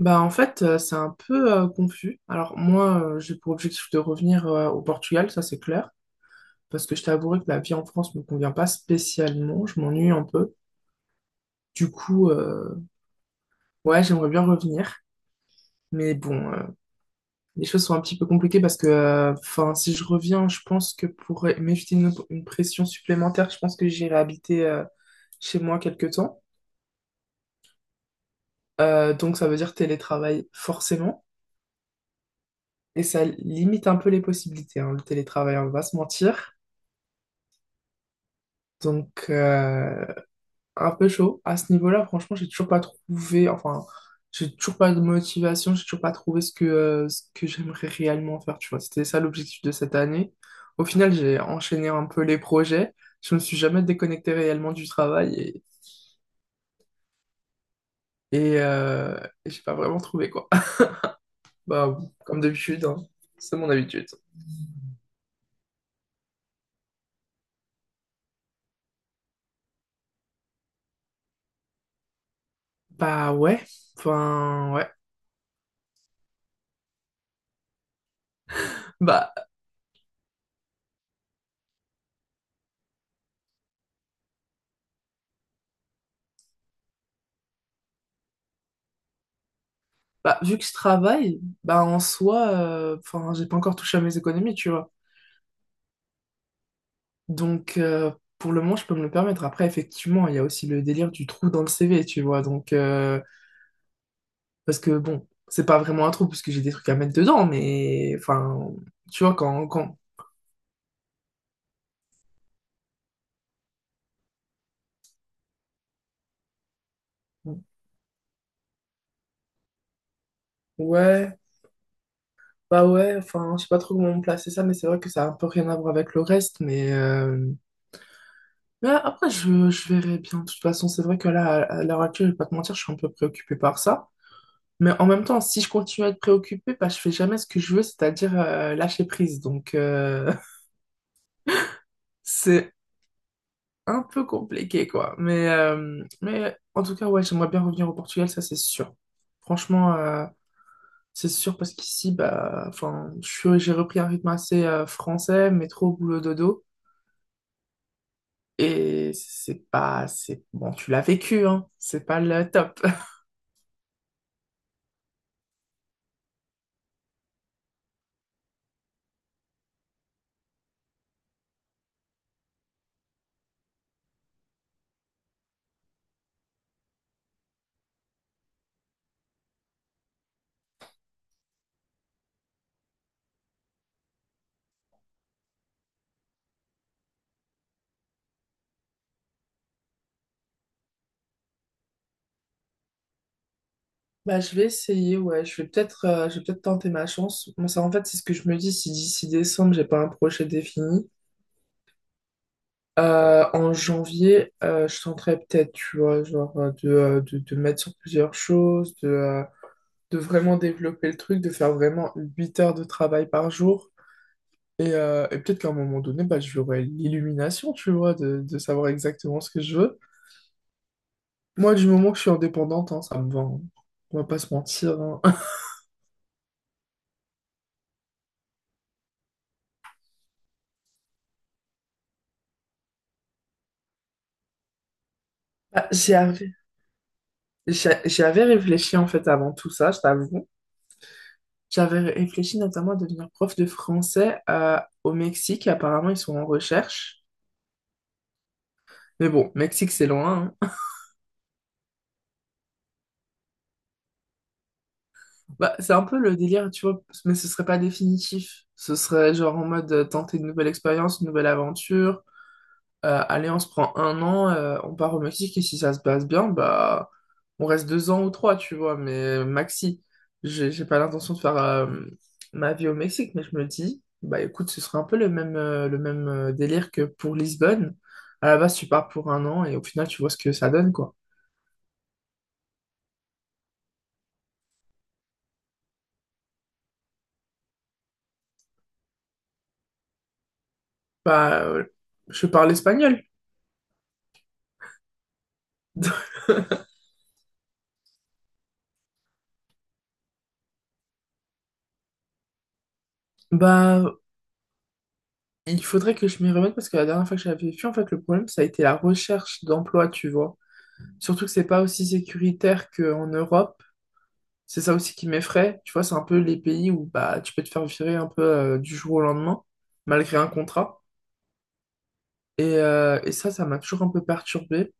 C'est un peu confus. Alors moi, j'ai pour objectif de revenir au Portugal, ça c'est clair, parce que je t'avouerai que la vie en France me convient pas spécialement, je m'ennuie un peu. Du coup, euh, ouais, j'aimerais bien revenir, mais bon, les choses sont un petit peu compliquées parce que, enfin, si je reviens, je pense que pour m'éviter une pression supplémentaire, je pense que j'irai habiter chez moi quelque temps. Donc ça veut dire télétravail forcément. Et ça limite un peu les possibilités, hein, le télétravail, on va pas se mentir. Donc, euh, un peu chaud. À ce niveau-là, franchement, j'ai toujours pas trouvé, enfin, j'ai toujours pas de motivation, j'ai toujours pas trouvé ce que, ce que j'aimerais réellement faire, tu vois. C'était ça l'objectif de cette année. Au final, j'ai enchaîné un peu les projets. Je me suis jamais déconnecté réellement du travail et, euh, et j'ai pas vraiment trouvé, quoi. Bah, comme d'habitude, hein. C'est mon habitude. Bah ouais, enfin ouais. Bah, bah vu que je travaille, bah en soi, enfin j'ai pas encore touché à mes économies, tu vois. Donc, euh, pour le moment, je peux me le permettre. Après, effectivement, il y a aussi le délire du trou dans le CV, tu vois. Parce que bon, c'est pas vraiment un trou parce que j'ai des trucs à mettre dedans, mais enfin, tu vois, quand... Ouais, bah ouais, enfin, je sais pas trop comment placer ça, mais c'est vrai que ça a un peu rien à voir avec le reste, mais... mais après, je verrai bien. De toute façon, c'est vrai que là, à l'heure actuelle, je vais pas te mentir, je suis un peu préoccupée par ça. Mais en même temps, si je continue à être préoccupée bah, je fais jamais ce que je veux, c'est-à-dire lâcher prise. C'est un peu compliqué, quoi. Mais en tout cas, ouais, j'aimerais bien revenir au Portugal, ça c'est sûr. Franchement, euh, c'est sûr parce qu'ici, bah, enfin, j'ai repris un rythme assez français, métro, boulot, dodo. Et c'est pas, c'est bon, tu l'as vécu, hein. C'est pas le top. Bah, je vais essayer, ouais. Je vais peut-être tenter ma chance. Moi, ça, en fait, c'est ce que je me dis si d'ici décembre, j'ai pas un projet défini. En janvier, je tenterai peut-être, tu vois, genre de mettre sur plusieurs choses, de vraiment développer le truc, de faire vraiment 8 heures de travail par jour. Et peut-être qu'à un moment donné, bah, j'aurai l'illumination, tu vois, de savoir exactement ce que je veux. Moi, du moment que je suis indépendante, hein, ça me va. Hein. On va pas se mentir. Hein. Bah, j'y avais réfléchi en fait avant tout ça, je t'avoue. J'avais réfléchi notamment à devenir prof de français au Mexique. Apparemment, ils sont en recherche. Mais bon, Mexique, c'est loin. Hein. Bah, c'est un peu le délire, tu vois, mais ce serait pas définitif. Ce serait genre en mode tenter une nouvelle expérience, une nouvelle aventure. Allez, on se prend 1 an, on part au Mexique et si ça se passe bien, bah, on reste 2 ans ou trois, tu vois. Mais maxi, j'ai pas l'intention de faire ma vie au Mexique, mais je me dis, bah écoute, ce serait un peu le même, le même délire que pour Lisbonne. À la base, tu pars pour 1 an et au final, tu vois ce que ça donne, quoi. Bah, euh, je parle espagnol. Bah, il faudrait que je m'y remette parce que la dernière fois que j'avais vu, en fait, le problème, ça a été la recherche d'emploi, tu vois. Surtout que c'est pas aussi sécuritaire qu'en Europe. C'est ça aussi qui m'effraie. Tu vois, c'est un peu les pays où bah, tu peux te faire virer un peu du jour au lendemain, malgré un contrat. Et ça, ça m'a toujours un peu perturbée.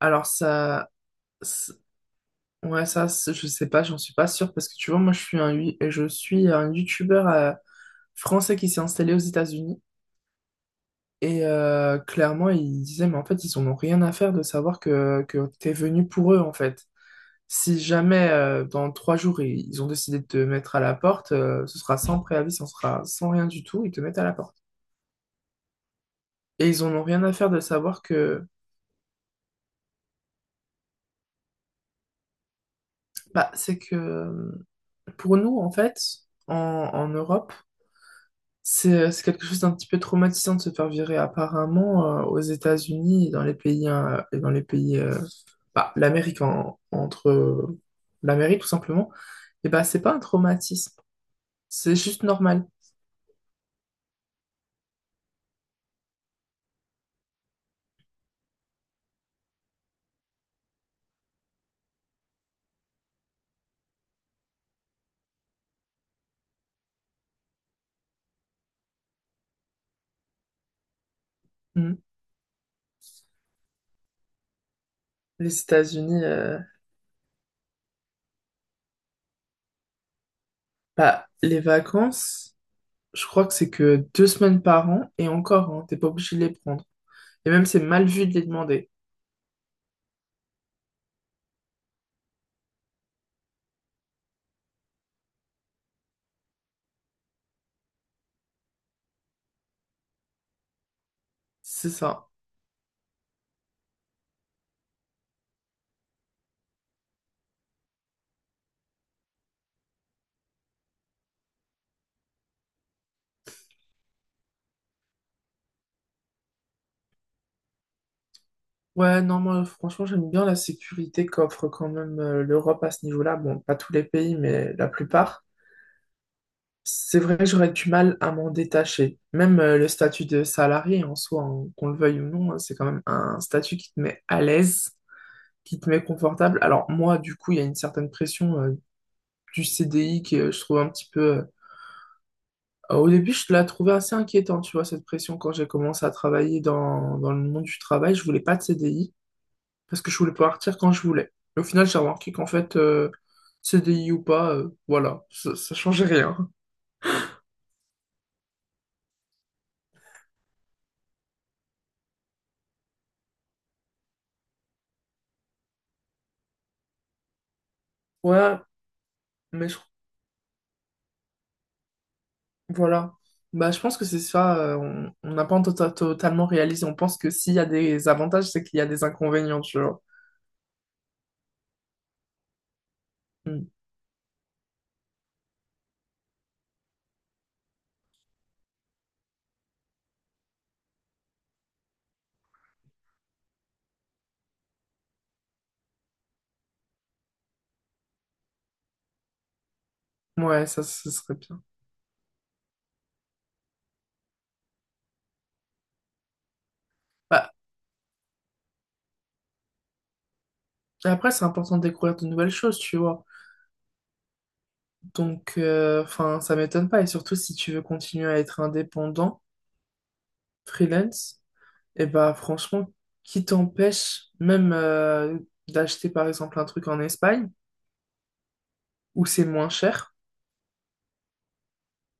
Alors, c'est- ouais, je sais pas, j'en suis pas sûre parce que tu vois, moi, je suis un YouTuber français qui s'est installé aux États-Unis. Clairement, ils disaient, mais en fait, ils en ont rien à faire de savoir que t'es venu pour eux, en fait. Si jamais, dans 3 jours, ils ont décidé de te mettre à la porte, ce sera sans préavis, ce sera sans rien du tout, ils te mettent à la porte. Et ils en ont rien à faire de savoir que, bah, c'est que pour nous, en fait, en Europe, c'est c'est quelque chose d'un petit peu traumatisant de se faire virer apparemment aux États-Unis et dans les pays euh, bah, l'Amérique en- entre l'Amérique tout simplement et bah c'est pas un traumatisme, c'est juste normal. Mhm. Les États-Unis bah, les vacances je crois que c'est que 2 semaines par an et encore hein, t'es pas obligé de les prendre et même c'est mal vu de les demander. C'est ça. Ouais, non, moi, franchement, j'aime bien la sécurité qu'offre quand même l'Europe à ce niveau-là. Bon, pas tous les pays, mais la plupart. C'est vrai que j'aurais du mal à m'en détacher. Même le statut de salarié en soi, hein, qu'on le veuille ou non, hein, c'est quand même un statut qui te met à l'aise, qui te met confortable. Alors moi, du coup, il y a une certaine pression du CDI que je trouve un petit peu... au début, je la trouvais assez inquiétante, tu vois, cette pression quand j'ai commencé à travailler dans le monde du travail. Je voulais pas de CDI, parce que je voulais partir quand je voulais. Et au final, j'ai remarqué qu'en fait, CDI ou pas, voilà, ça changeait rien. Ouais, mais je- voilà. Je pense que c'est ça, on n'a pas totalement réalisé. On pense que s'il y a des avantages, c'est qu'il y a des inconvénients, tu vois. Mm. Ouais, ça, ce serait bien. Bah, et après, c'est important de découvrir de nouvelles choses, tu vois. Enfin, ça m'étonne pas. Et surtout, si tu veux continuer à être indépendant, freelance, et bah franchement, qui t'empêche même d'acheter par exemple un truc en Espagne où c'est moins cher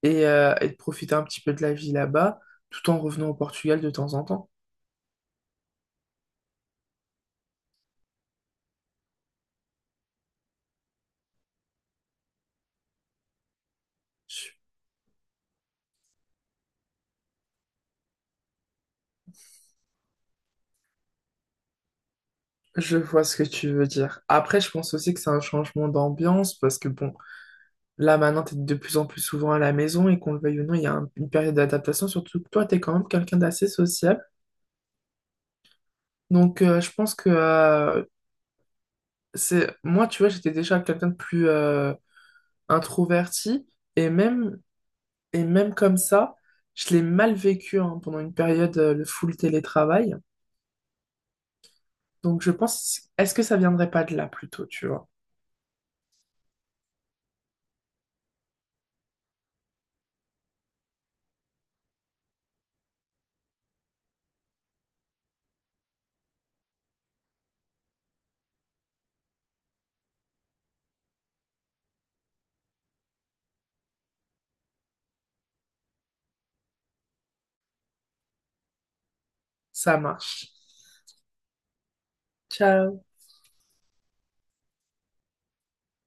et de profiter un petit peu de la vie là-bas tout en revenant au Portugal de temps en temps. Je je vois ce que tu veux dire. Après, je pense aussi que c'est un changement d'ambiance parce que bon, là maintenant t'es de plus en plus souvent à la maison et qu'on le veuille ou non, il y a une période d'adaptation, surtout que toi t'es quand même quelqu'un d'assez sociable. Donc je pense que C'est moi tu vois, j'étais déjà quelqu'un de plus introverti et même comme ça, je l'ai mal vécu hein, pendant une période le full télétravail. Donc je pense, est-ce que ça viendrait pas de là plutôt, tu vois? Ça marche. Ciao.